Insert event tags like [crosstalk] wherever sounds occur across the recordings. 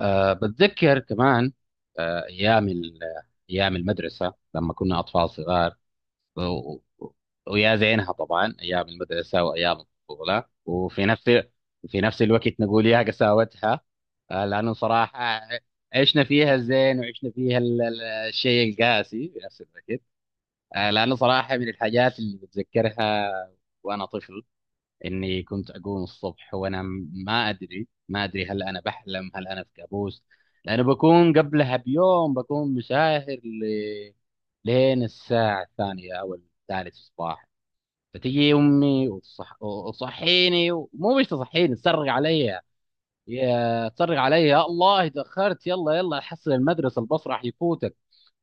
بتذكر كمان، أه أيام ال- أيام المدرسة لما كنا أطفال صغار. و... و- ويا زينها طبعا، أيام المدرسة وأيام الطفولة. وفي نفس في نفس الوقت نقول يا قساوتها، لأنه صراحة عشنا فيها الزين وعشنا فيها الشيء القاسي في نفس الوقت. لأنه صراحة من الحاجات اللي بتذكرها وأنا طفل، اني كنت اقوم الصبح وانا ما ادري هل انا بحلم هل انا في كابوس. لانه بكون قبلها بيوم بكون مساهر لين الساعة الثانية او الثالثة الصباح. فتجي امي وتصحيني، ومو مش تصحيني تصرخ علي. يا تصرخ علي، يا الله تاخرت، يلا يلا حصل المدرسة، الباص راح يفوتك.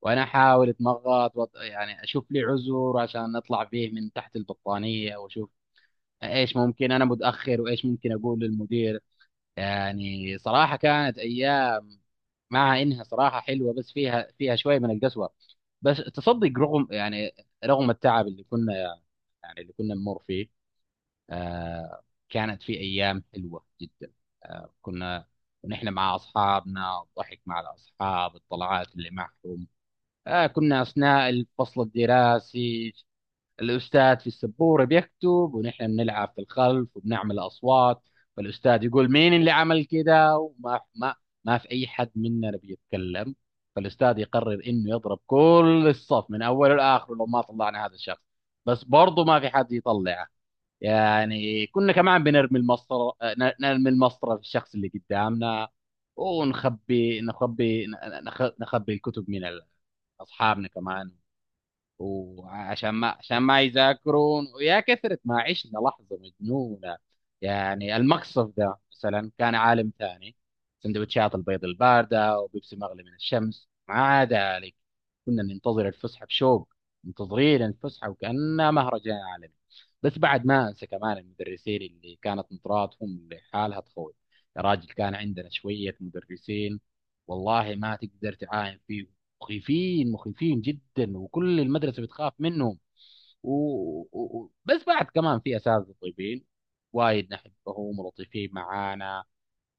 وانا احاول اتمغط يعني اشوف لي عذر عشان اطلع فيه من تحت البطانية واشوف ايش ممكن انا متاخر وايش ممكن اقول للمدير. يعني صراحه كانت ايام، مع انها صراحه حلوه، بس فيها شويه من القسوه. بس تصدق، رغم يعني رغم التعب اللي كنا، يعني اللي كنا نمر فيه، آه كانت في ايام حلوه جدا. كنا ونحن مع اصحابنا، الضحك مع الاصحاب، الطلعات اللي معهم. كنا اثناء الفصل الدراسي الأستاذ في السبورة بيكتب، ونحن بنلعب في الخلف وبنعمل أصوات. فالأستاذ يقول مين اللي عمل كده، وما ما ما في أي حد مننا بيتكلم. فالأستاذ يقرر إنه يضرب كل الصف من أوله لآخره لو ما طلعنا هذا الشخص، بس برضه ما في حد يطلعه. يعني كنا كمان بنرمي المسطرة، نرمي المسطرة في الشخص اللي قدامنا، ونخبي نخبي نخ- نخبي الكتب من أصحابنا كمان، وعشان ما عشان ما يذاكرون. ويا كثرة ما عشنا لحظة مجنونة! يعني المقصف ده مثلا كان عالم ثاني، سندوتشات البيض الباردة وبيبسي مغلي من الشمس مع ذلك. كنا ننتظر الفسحة بشوق، منتظرين الفسحة وكأنها مهرجان عالمي. بس بعد ما أنسى كمان المدرسين اللي كانت نظراتهم لحالها تخوف. يا راجل كان عندنا شوية مدرسين والله ما تقدر تعاين فيهم، مخيفين جدا، وكل المدرسه بتخاف منهم. و... بس بعد كمان في اساتذه طيبين وايد نحبهم ولطيفين معانا.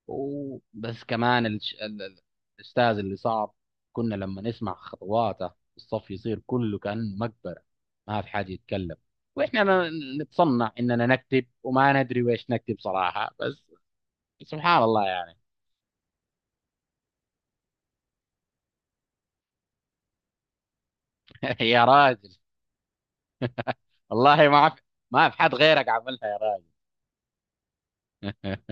وبس كمان الاستاذ اللي صار كنا لما نسمع خطواته، الصف يصير كله كانه مقبره، ما في حد يتكلم. واحنا نتصنع اننا نكتب وما ندري ويش نكتب صراحه، بس سبحان الله يعني. [laughs] يا راجل، والله ما في، ما في حد غيرك عملها يا راجل. [laughs]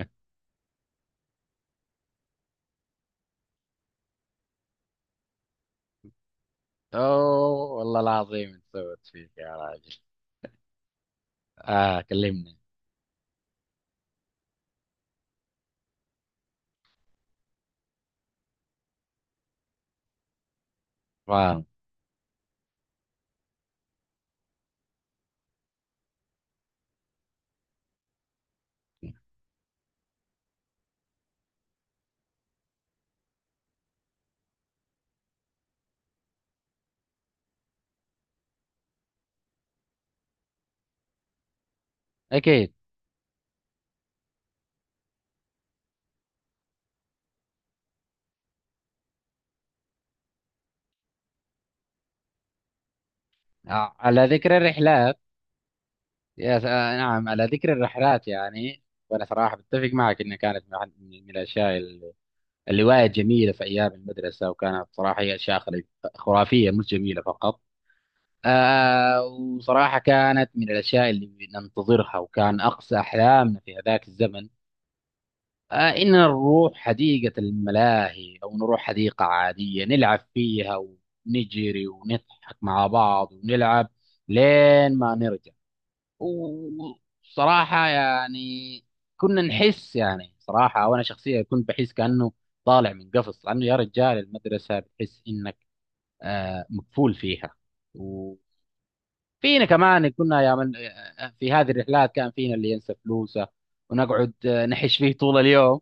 اوه، والله العظيم إيش سوت فيك يا راجل! اه كلمني. فاهم، اكيد. على ذكر الرحلات، يا س... آه نعم على ذكر الرحلات يعني، وانا صراحه بتفق معك انها كانت من الاشياء اللي، اللي وايد جميله في ايام المدرسه. وكانت صراحه هي اشياء خرافيه، مش جميله فقط. آه وصراحه كانت من الاشياء اللي ننتظرها، وكان اقصى احلامنا في هذاك الزمن إن نروح حديقة الملاهي أو نروح حديقة عادية نلعب فيها، ونجري ونضحك مع بعض ونلعب لين ما نرجع. وصراحة يعني كنا نحس، يعني صراحة وأنا شخصيا كنت بحس كأنه طالع من قفص، لأنه يا رجال المدرسة بتحس إنك مقفول فيها. فينا كمان كنا، يا من في هذه الرحلات كان فينا اللي ينسى فلوسه ونقعد نحش فيه طول اليوم.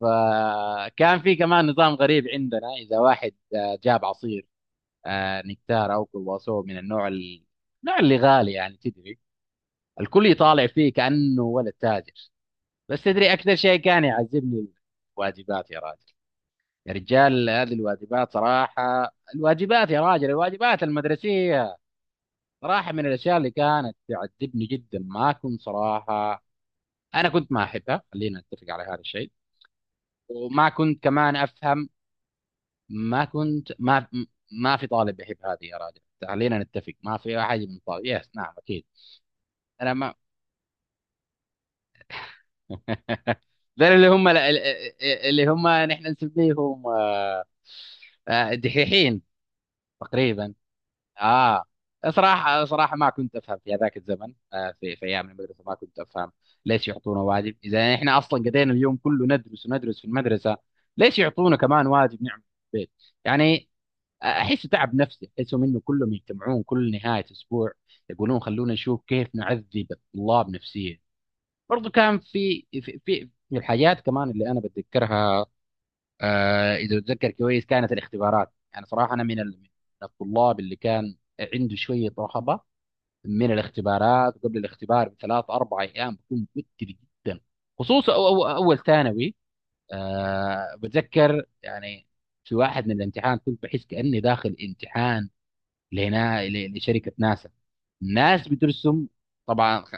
فكان في كمان نظام غريب عندنا، إذا واحد جاب عصير نكتار أو كرواسون من النوع اللي غالي، يعني تدري الكل يطالع فيه كأنه ولا تاجر. بس تدري أكثر شيء كان يعذبني؟ الواجبات يا راجل! يا رجال هذه الواجبات صراحة، الواجبات يا راجل، الواجبات المدرسية، صراحة من الأشياء اللي كانت تعذبني جدا. ما كنت صراحة، أنا كنت ما أحبها، خلينا نتفق على هذا الشيء. وما كنت كمان أفهم، ما كنت ما ما في طالب يحب هذه يا راجل، خلينا نتفق ما في أحد من طالب، نعم أكيد. أنا ما، [laughs] ذول اللي هم، اللي هم نحن نسميهم دحيحين تقريبا. اه صراحة، صراحة ما كنت افهم في هذاك الزمن، آه في ايام المدرسة ما كنت افهم ليش يعطونا واجب، اذا احنا اصلا قضينا اليوم كله ندرس وندرس في المدرسة، ليش يعطونا كمان واجب نعمل في البيت يعني. احس تعب نفسي، احسه منه كلهم يجتمعون كل نهاية اسبوع يقولون خلونا نشوف كيف نعذب الطلاب نفسيا. برضو كان في الحاجات كمان اللي انا بتذكرها، اذا اتذكر كويس، كانت الاختبارات. يعني صراحه انا من من الطلاب اللي كان عنده شويه رهبه من الاختبارات، وقبل الاختبار بثلاث اربع ايام بكون متوتر جدا، خصوصا أو اول ثانوي. بتذكر يعني في واحد من الامتحان كنت بحس كاني داخل امتحان لهنا، لشركه ناسا، الناس بترسم، طبعا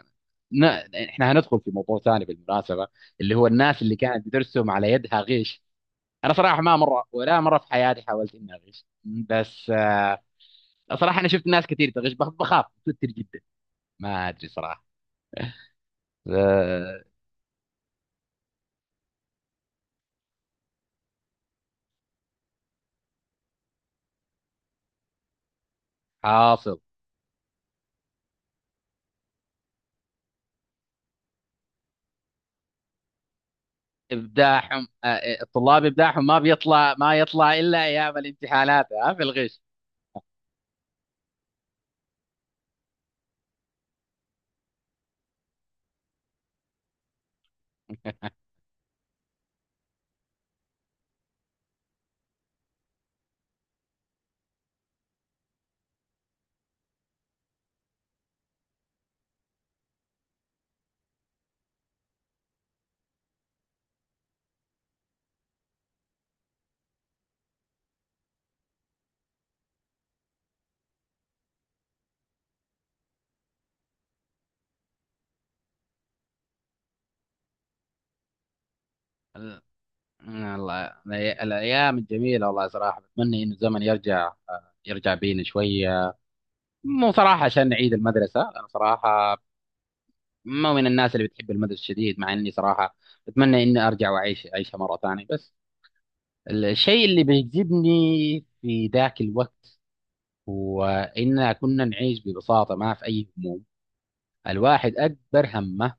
ن- احنا هندخل في موضوع ثاني بالمناسبه، اللي هو الناس اللي كانت بترسم على يدها غيش. انا صراحه ما مره ولا مره في حياتي حاولت اني اغش، بس صراحه انا شفت ناس كثير تغش، بخاف متوتر جدا، ما ادري صراحه. آه، حاصل. ابداعهم، الطلاب ابداعهم ما بيطلع، ما يطلع الا ايام الامتحانات في الغش. ال- الله، الايام الجميله، والله صراحه بتمنى انه الزمن يرجع، يرجع بينا شويه. مو صراحه عشان نعيد المدرسه، انا صراحه مو من الناس اللي بتحب المدرسه شديد، مع اني صراحه اتمنى اني ارجع واعيش اعيشها مره ثانيه. بس الشيء اللي بيجذبني في ذاك الوقت هو إننا كنا نعيش ببساطة، ما في أي هموم. الواحد أكبر همه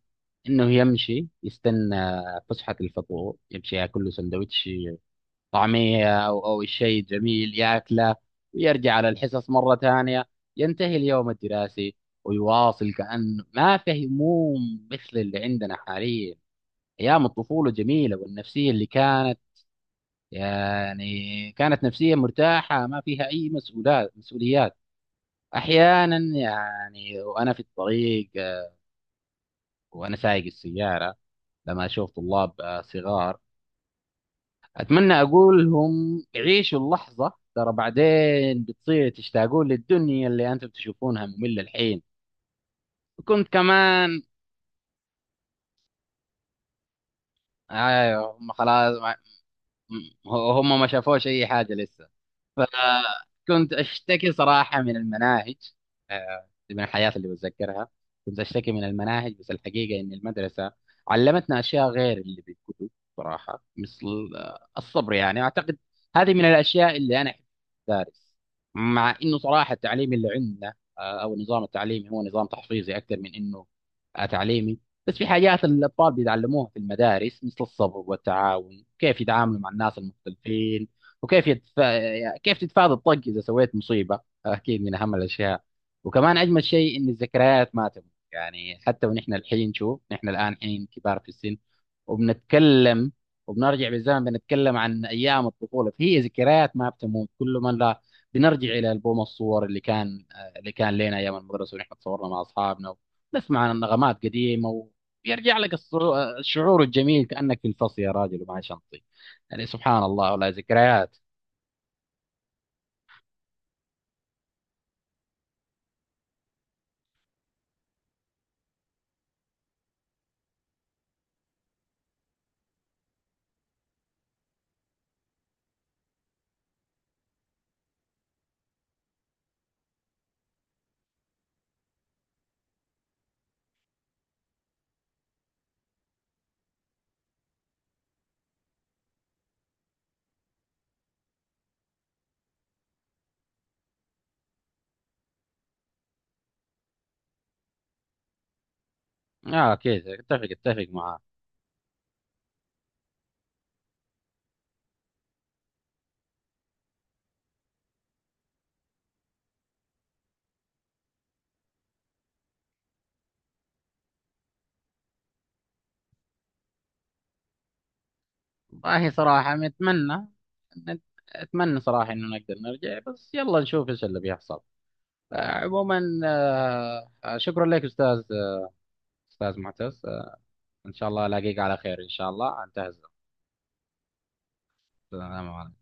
إنه يمشي يستنى فسحة الفطور، يمشي ياكل له سندوتش طعمية أو الشيء الجميل ياكله، ويرجع على الحصص مرة ثانية. ينتهي اليوم الدراسي ويواصل كأنه ما في هموم مثل اللي عندنا حاليا. أيام الطفولة جميلة، والنفسية اللي كانت، يعني كانت نفسية مرتاحة ما فيها أي مسؤوليات. أحيانا يعني وأنا في الطريق وأنا سايق السيارة، لما أشوف طلاب صغار، أتمنى أقول لهم عيشوا اللحظة، ترى بعدين بتصير تشتاقون للدنيا اللي أنتم تشوفونها مملة الحين. وكنت كمان، أيوه هم خلاص هم ما شافوش أي حاجة لسه. فكنت أشتكي صراحة من المناهج، دي من الحياة اللي بتذكرها. كنت أشتكي من المناهج، بس الحقيقة إن المدرسة علمتنا أشياء غير اللي بالكتب، صراحة مثل الصبر يعني. أعتقد هذه من الأشياء اللي أنا أحب أدرس، مع إنه صراحة التعليم اللي عندنا أو النظام التعليمي هو نظام تحفيظي أكثر من إنه تعليمي. بس في حاجات الأطفال بيتعلموها في المدارس مثل الصبر والتعاون، كيف يتعاملوا مع الناس المختلفين، وكيف يدفع يعني كيف تتفادى الطق اذا سويت مصيبه. اكيد من اهم الاشياء. وكمان اجمل شيء ان الذكريات ما تموت، يعني حتى ونحن الحين شوف، نحن الان حين كبار في السن وبنتكلم، وبنرجع بالزمن بنتكلم عن ايام الطفوله، فهي ذكريات ما بتموت. كل ما لا بنرجع الى البوم الصور اللي كان، لنا ايام المدرسه ونحن تصورنا مع اصحابنا، ونسمع عن نغمات قديمه، ويرجع لك الشعور الجميل كانك في الفصل يا راجل ومعي شنطي. يعني سبحان الله، والله ذكريات. اه اكيد، اتفق معاه. والله صراحة متمنى، اتمنى صراحة انه نقدر نرجع، بس يلا نشوف ايش اللي بيحصل. عموما، شكرا لك استاذ، استاذ معتز، ان شاء الله الاقيك على خير ان شاء الله. انتهز